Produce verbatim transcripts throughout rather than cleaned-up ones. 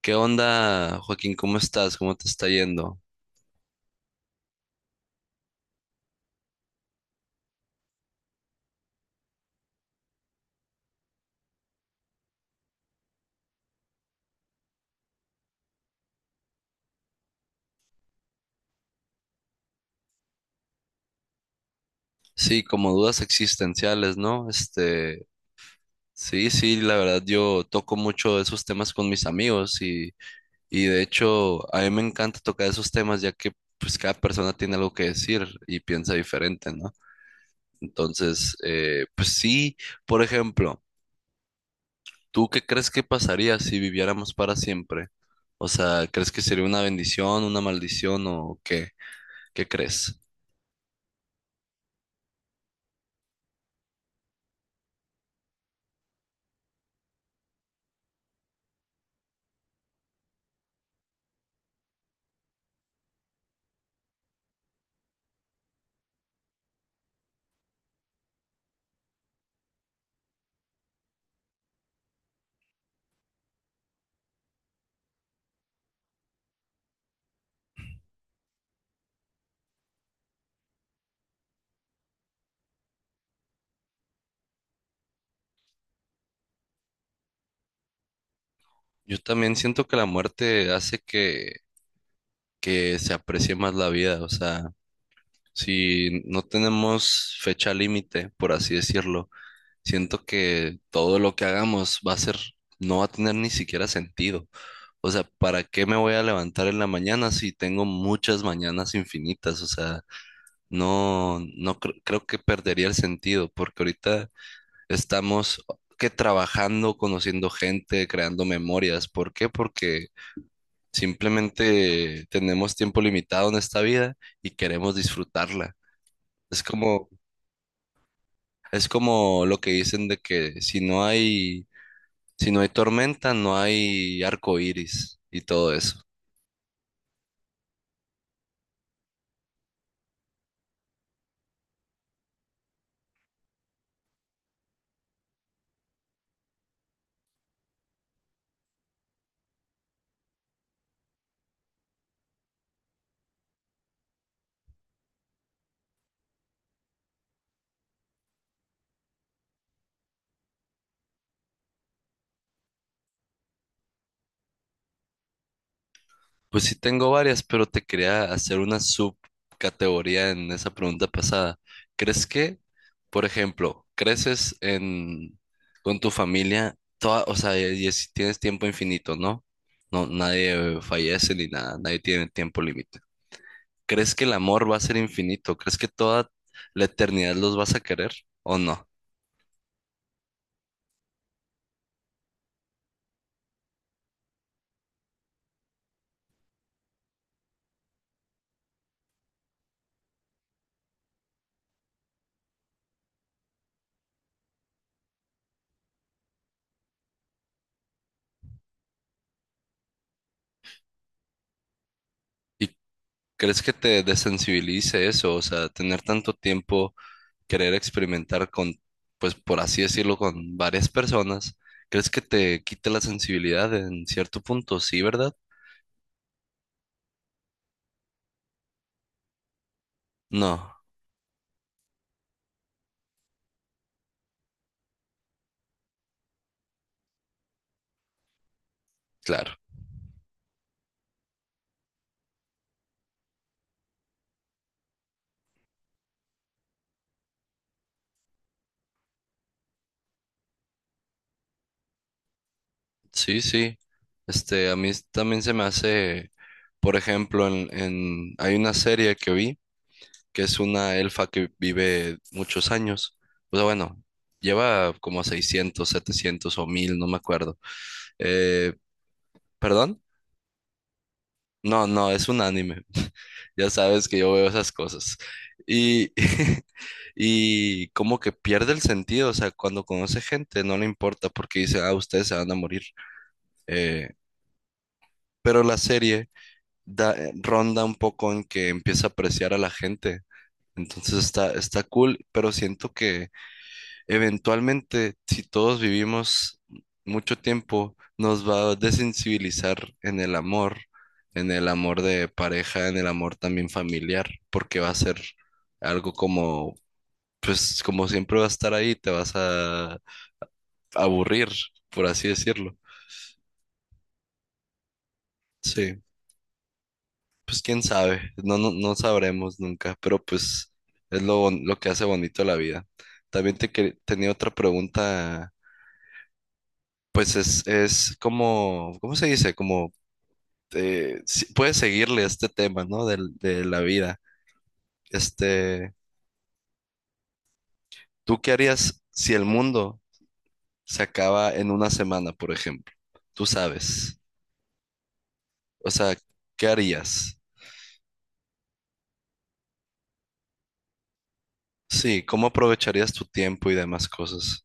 ¿Qué onda, Joaquín? ¿Cómo estás? ¿Cómo te está yendo? Sí, como dudas existenciales, ¿no? Este, sí, sí, la verdad yo toco mucho esos temas con mis amigos y, y de hecho a mí me encanta tocar esos temas, ya que pues cada persona tiene algo que decir y piensa diferente, ¿no? Entonces, eh, pues sí, por ejemplo, ¿tú qué crees que pasaría si viviéramos para siempre? O sea, ¿crees que sería una bendición, una maldición o qué? ¿Qué crees? Yo también siento que la muerte hace que, que se aprecie más la vida. O sea, si no tenemos fecha límite, por así decirlo, siento que todo lo que hagamos va a ser, no va a tener ni siquiera sentido. O sea, ¿para qué me voy a levantar en la mañana si tengo muchas mañanas infinitas? O sea, no, no cre- creo que perdería el sentido, porque ahorita estamos que trabajando, conociendo gente, creando memorias. ¿Por qué? Porque simplemente tenemos tiempo limitado en esta vida y queremos disfrutarla. Es como, es como lo que dicen de que si no hay, si no hay tormenta, no hay arco iris y todo eso. Pues sí tengo varias, pero te quería hacer una subcategoría en esa pregunta pasada. ¿Crees que, por ejemplo, creces en con tu familia toda? O sea, y y si tienes tiempo infinito, ¿no? No, nadie fallece ni nada, nadie tiene tiempo límite. ¿Crees que el amor va a ser infinito? ¿Crees que toda la eternidad los vas a querer o no? ¿Y crees que te desensibilice eso? O sea, tener tanto tiempo, querer experimentar con, pues por así decirlo, con varias personas, ¿crees que te quite la sensibilidad en cierto punto? ¿Sí, verdad? No, claro. Sí, sí. Este, a mí también se me hace, por ejemplo, en, en, hay una serie que vi, que es una elfa que vive muchos años. O sea, bueno, lleva como seiscientos setecientos o mil, no me acuerdo. Eh, ¿perdón? No, no, es un anime. Ya sabes que yo veo esas cosas. Y y como que pierde el sentido. O sea, cuando conoce gente no le importa porque dice, ah, ustedes se van a morir. Eh, pero la serie da- eh, ronda un poco en que empieza a apreciar a la gente. Entonces está, está cool, pero siento que eventualmente, si todos vivimos mucho tiempo, nos va a desensibilizar en el amor, en el amor de pareja, en el amor también familiar, porque va a ser algo como, pues, como siempre va a estar ahí, te vas a aburrir, por así decirlo. Sí, pues quién sabe. No, no, no sabremos nunca, pero pues es lo, bon- lo que hace bonito la vida. También te quer- tenía otra pregunta, pues es, es como, ¿cómo se dice? Como eh, si- puedes seguirle este tema, ¿no? Del- de la vida. Este, ¿tú qué harías si el mundo se acaba en una semana, por ejemplo? Tú sabes. O sea, ¿qué harías? Sí, ¿cómo aprovecharías tu tiempo y demás cosas?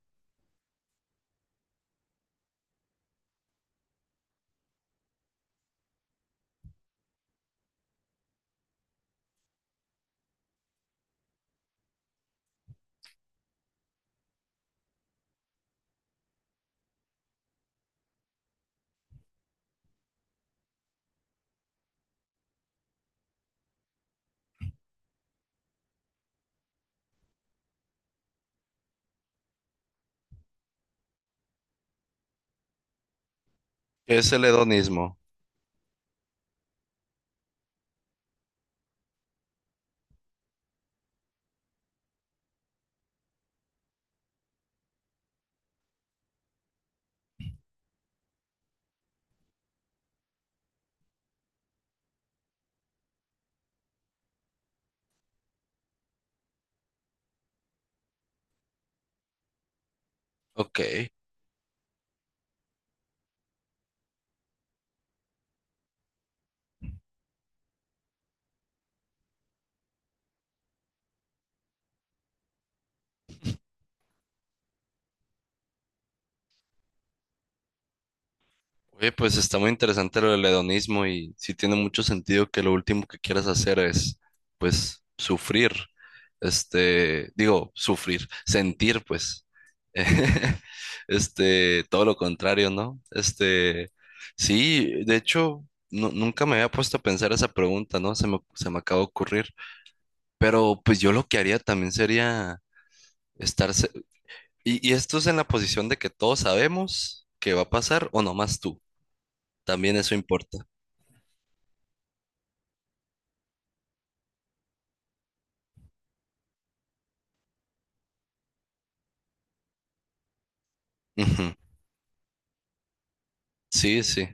¿Qué es el hedonismo? Ok. Oye, pues está muy interesante lo del hedonismo y sí tiene mucho sentido que lo último que quieras hacer es, pues, sufrir. Este, digo, sufrir, sentir, pues. Este, todo lo contrario, ¿no? Este, sí, de hecho, nu- nunca me había puesto a pensar esa pregunta, ¿no? Se me, se me acaba de ocurrir. Pero pues yo lo que haría también sería estarse. Y, y esto es en la posición de que todos sabemos que va a pasar o nomás tú. También eso importa. Ujú. Sí, sí.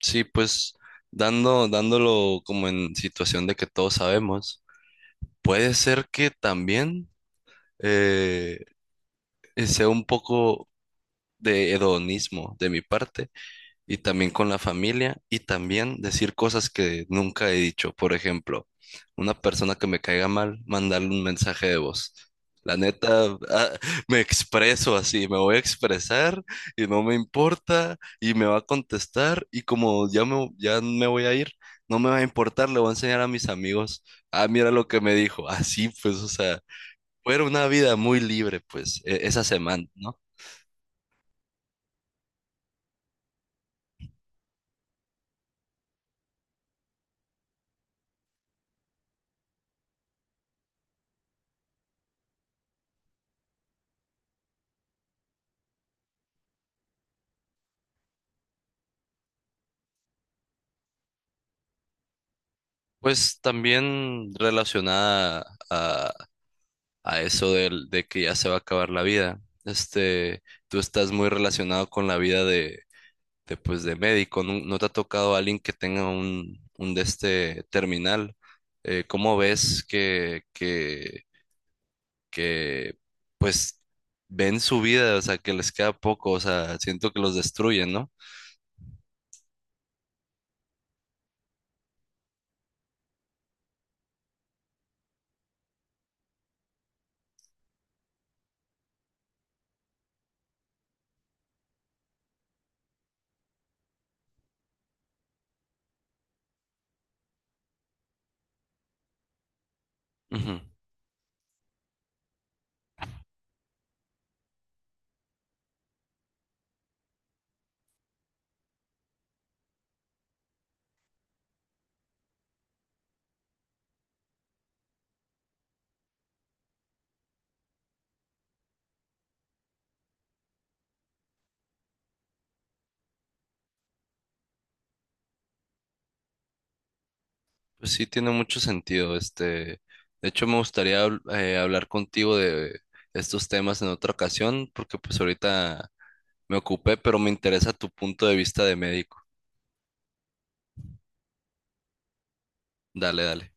Sí, pues dando, dándolo como en situación de que todos sabemos, puede ser que también eh, sea un poco de hedonismo de mi parte, y también con la familia y también decir cosas que nunca he dicho. Por ejemplo, una persona que me caiga mal, mandarle un mensaje de voz. La neta, ah, me expreso así, me voy a expresar y no me importa y me va a contestar, y como ya me, ya me voy a ir, no me va a importar, le voy a enseñar a mis amigos, ah, mira lo que me dijo, así pues, o sea, fue una vida muy libre pues e- esa semana, ¿no? Pues también relacionada a, a eso del- de, que ya se va a acabar la vida. Este, tú estás muy relacionado con la vida de, de, pues, de médico. ¿No, no te ha tocado alguien que tenga un, un de este terminal? Eh, ¿cómo ves que, que, que, pues, ven su vida? O sea, que les queda poco. O sea, siento que los destruyen, ¿no? Ujú. Pues sí, tiene mucho sentido. Este, de hecho, me gustaría habl- eh, hablar contigo de estos temas en otra ocasión, porque pues ahorita me ocupé, pero me interesa tu punto de vista de médico. Dale, dale.